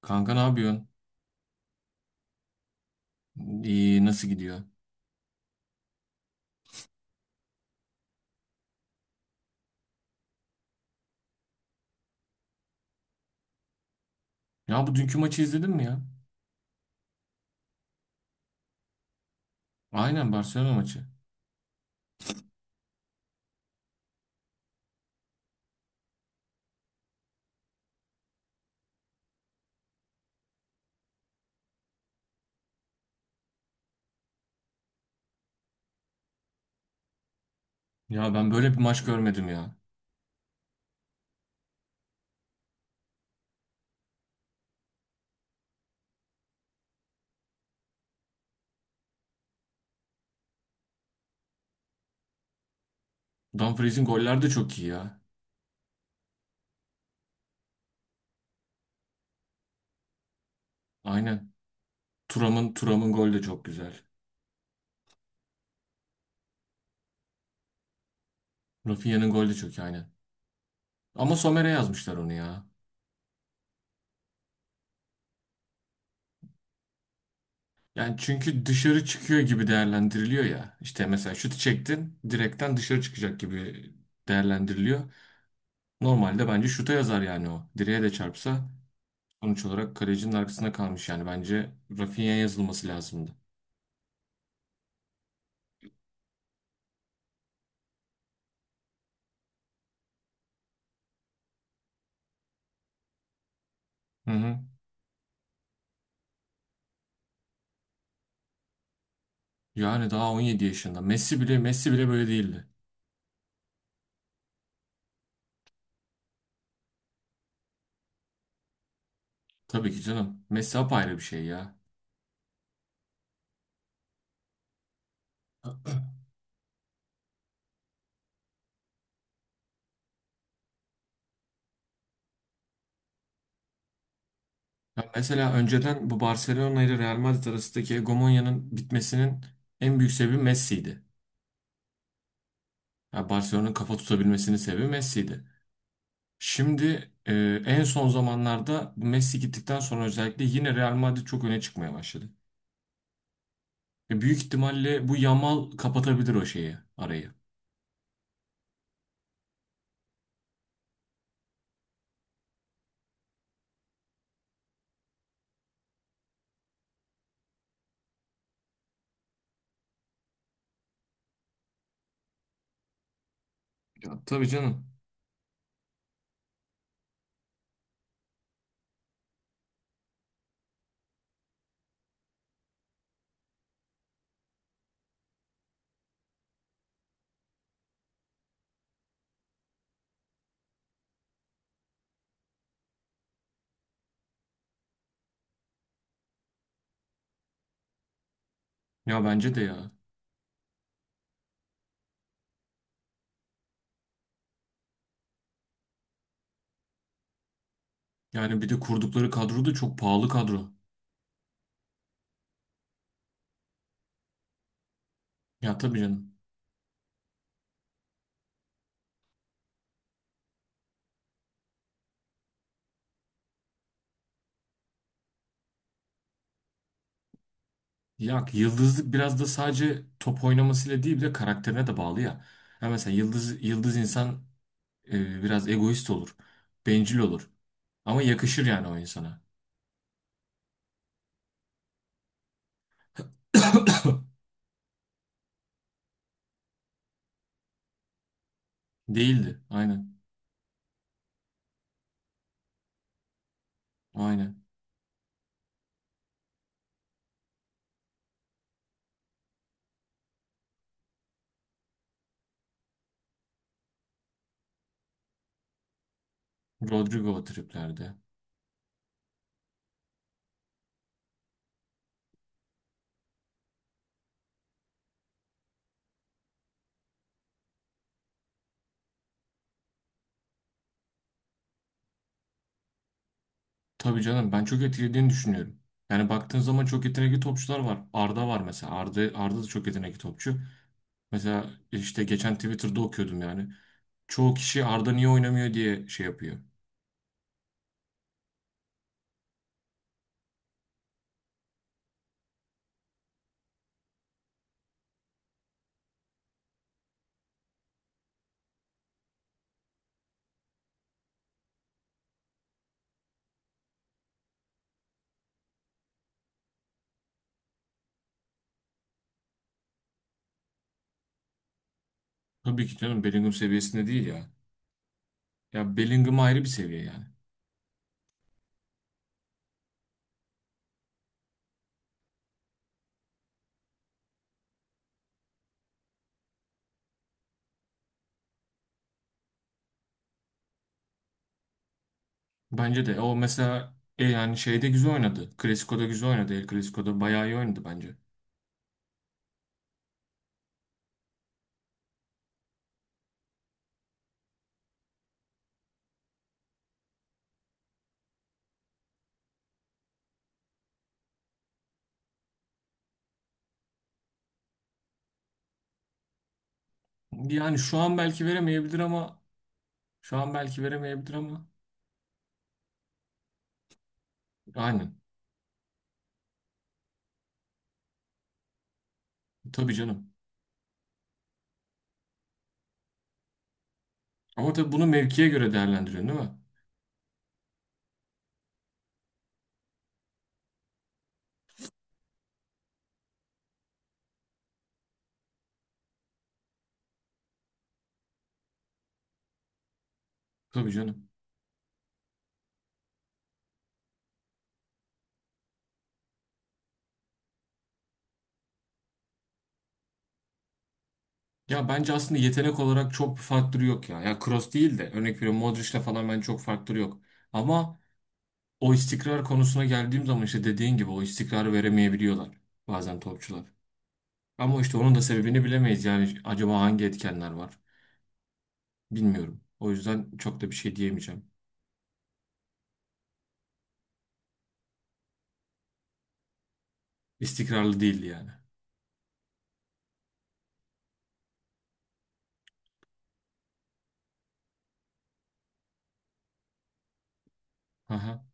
Kanka, ne yapıyorsun? İyi, nasıl gidiyor? Ya bu dünkü maçı izledin mi ya? Aynen, Barcelona maçı. Ya ben böyle bir maç görmedim ya. Dumfries'in goller de çok iyi ya. Aynen. Thuram'ın golü de çok güzel. Rafinha'nın golü de çok iyi, aynen. Ama Sommer'e yazmışlar onu ya. Yani çünkü dışarı çıkıyor gibi değerlendiriliyor ya. İşte mesela şutu çektin, direkten dışarı çıkacak gibi değerlendiriliyor. Normalde bence şuta yazar yani o. Direğe de çarpsa, sonuç olarak kalecinin arkasında kalmış yani. Bence Rafinha'ya yazılması lazımdı. Hı hı. Yani daha 17 yaşında. Messi bile böyle değildi. Tabii ki canım. Messi apayrı bir şey ya. Ya mesela önceden bu Barcelona ile Real Madrid arasındaki hegemonyanın bitmesinin en büyük sebebi Messi'ydi. Ya Barcelona'nın kafa tutabilmesinin sebebi Messi'ydi. Şimdi en son zamanlarda bu Messi gittikten sonra özellikle yine Real Madrid çok öne çıkmaya başladı. Büyük ihtimalle bu Yamal kapatabilir o şeyi, arayı. Ya, tabii canım. Ya bence de ya. Yani bir de kurdukları kadro da çok pahalı kadro. Ya tabii canım. Ya yıldızlık biraz da sadece top oynamasıyla değil, bir de karakterine de bağlı ya. Ha mesela yıldız yıldız insan biraz egoist olur. Bencil olur. Ama yakışır yani o insana. Değildi. Aynen. Aynen. Rodrigo triplerde. Tabii canım, ben çok etkilediğini düşünüyorum. Yani baktığın zaman çok yetenekli topçular var. Arda var mesela. Arda da çok yetenekli topçu. Mesela işte geçen Twitter'da okuyordum yani. Çoğu kişi Arda niye oynamıyor diye şey yapıyor. Tabii ki canım, Bellingham seviyesinde değil ya. Ya Bellingham ayrı bir seviye yani. Bence de o mesela e yani şeyde güzel oynadı. Clasico'da güzel oynadı. El Clasico'da bayağı iyi oynadı bence. Yani şu an belki veremeyebilir ama şu an belki veremeyebilir ama aynen. Tabii canım. Ama tabii bunu mevkiye göre değerlendiriyorsun, değil mi? Tabii canım. Ya bence aslında yetenek olarak çok bir faktörü yok ya. Ya Kroos değil de, örnek veriyorum, Modric'le falan bence çok faktörü yok. Ama o istikrar konusuna geldiğim zaman işte dediğin gibi o istikrarı veremeyebiliyorlar bazen topçular. Ama işte onun da sebebini bilemeyiz yani, acaba hangi etkenler var bilmiyorum. O yüzden çok da bir şey diyemeyeceğim. İstikrarlı değildi yani. Aha.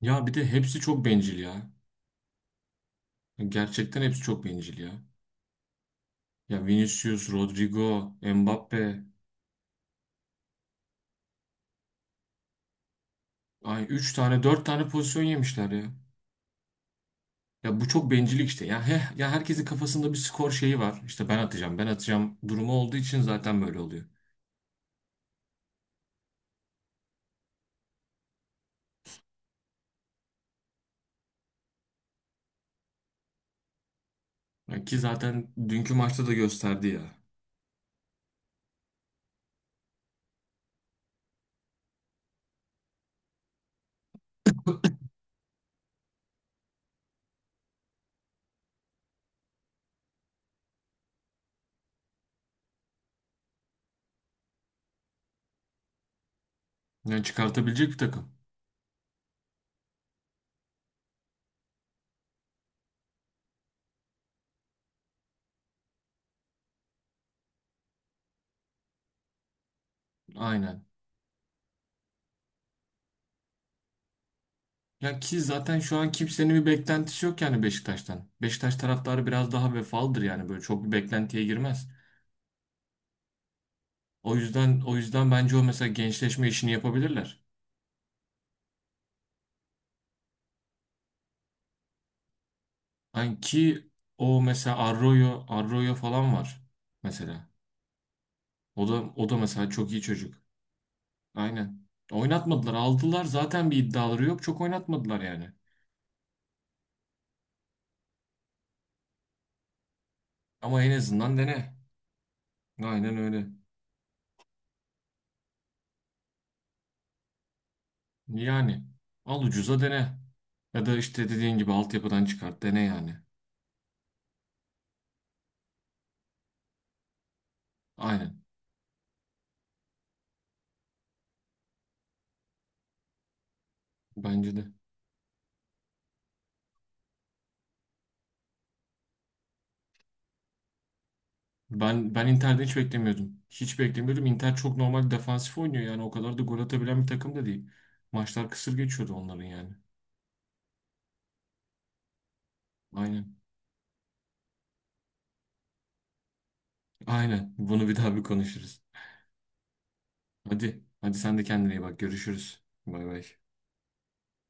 Ya bir de hepsi çok bencil ya. Gerçekten hepsi çok bencil ya. Ya Vinicius, Rodrigo, Mbappe. Ay 3 tane 4 tane pozisyon yemişler ya. Ya bu çok bencillik işte. Ya, heh, ya herkesin kafasında bir skor şeyi var. İşte ben atacağım, ben atacağım durumu olduğu için zaten böyle oluyor. Ya ki zaten dünkü maçta da gösterdi ya. Yani çıkartabilecek bir takım. Aynen. Ya ki zaten şu an kimsenin bir beklentisi yok yani Beşiktaş'tan. Beşiktaş taraftarı biraz daha vefalıdır yani, böyle çok bir beklentiye girmez. O yüzden bence o mesela gençleşme işini yapabilirler. Yani ki o mesela Arroyo falan var mesela. O da mesela çok iyi çocuk. Aynen. Oynatmadılar. Aldılar. Zaten bir iddiaları yok. Çok oynatmadılar yani. Ama en azından dene. Aynen öyle. Yani al ucuza dene. Ya da işte dediğin gibi altyapıdan çıkart. Dene yani. Aynen. Bence de. Ben Inter'de hiç beklemiyordum. Hiç beklemiyordum. Inter çok normal defansif oynuyor yani. O kadar da gol atabilen bir takım da değil. Maçlar kısır geçiyordu onların yani. Aynen. Aynen. Bunu bir daha bir konuşuruz. Hadi. Hadi sen de kendine iyi bak. Görüşürüz. Bay bay.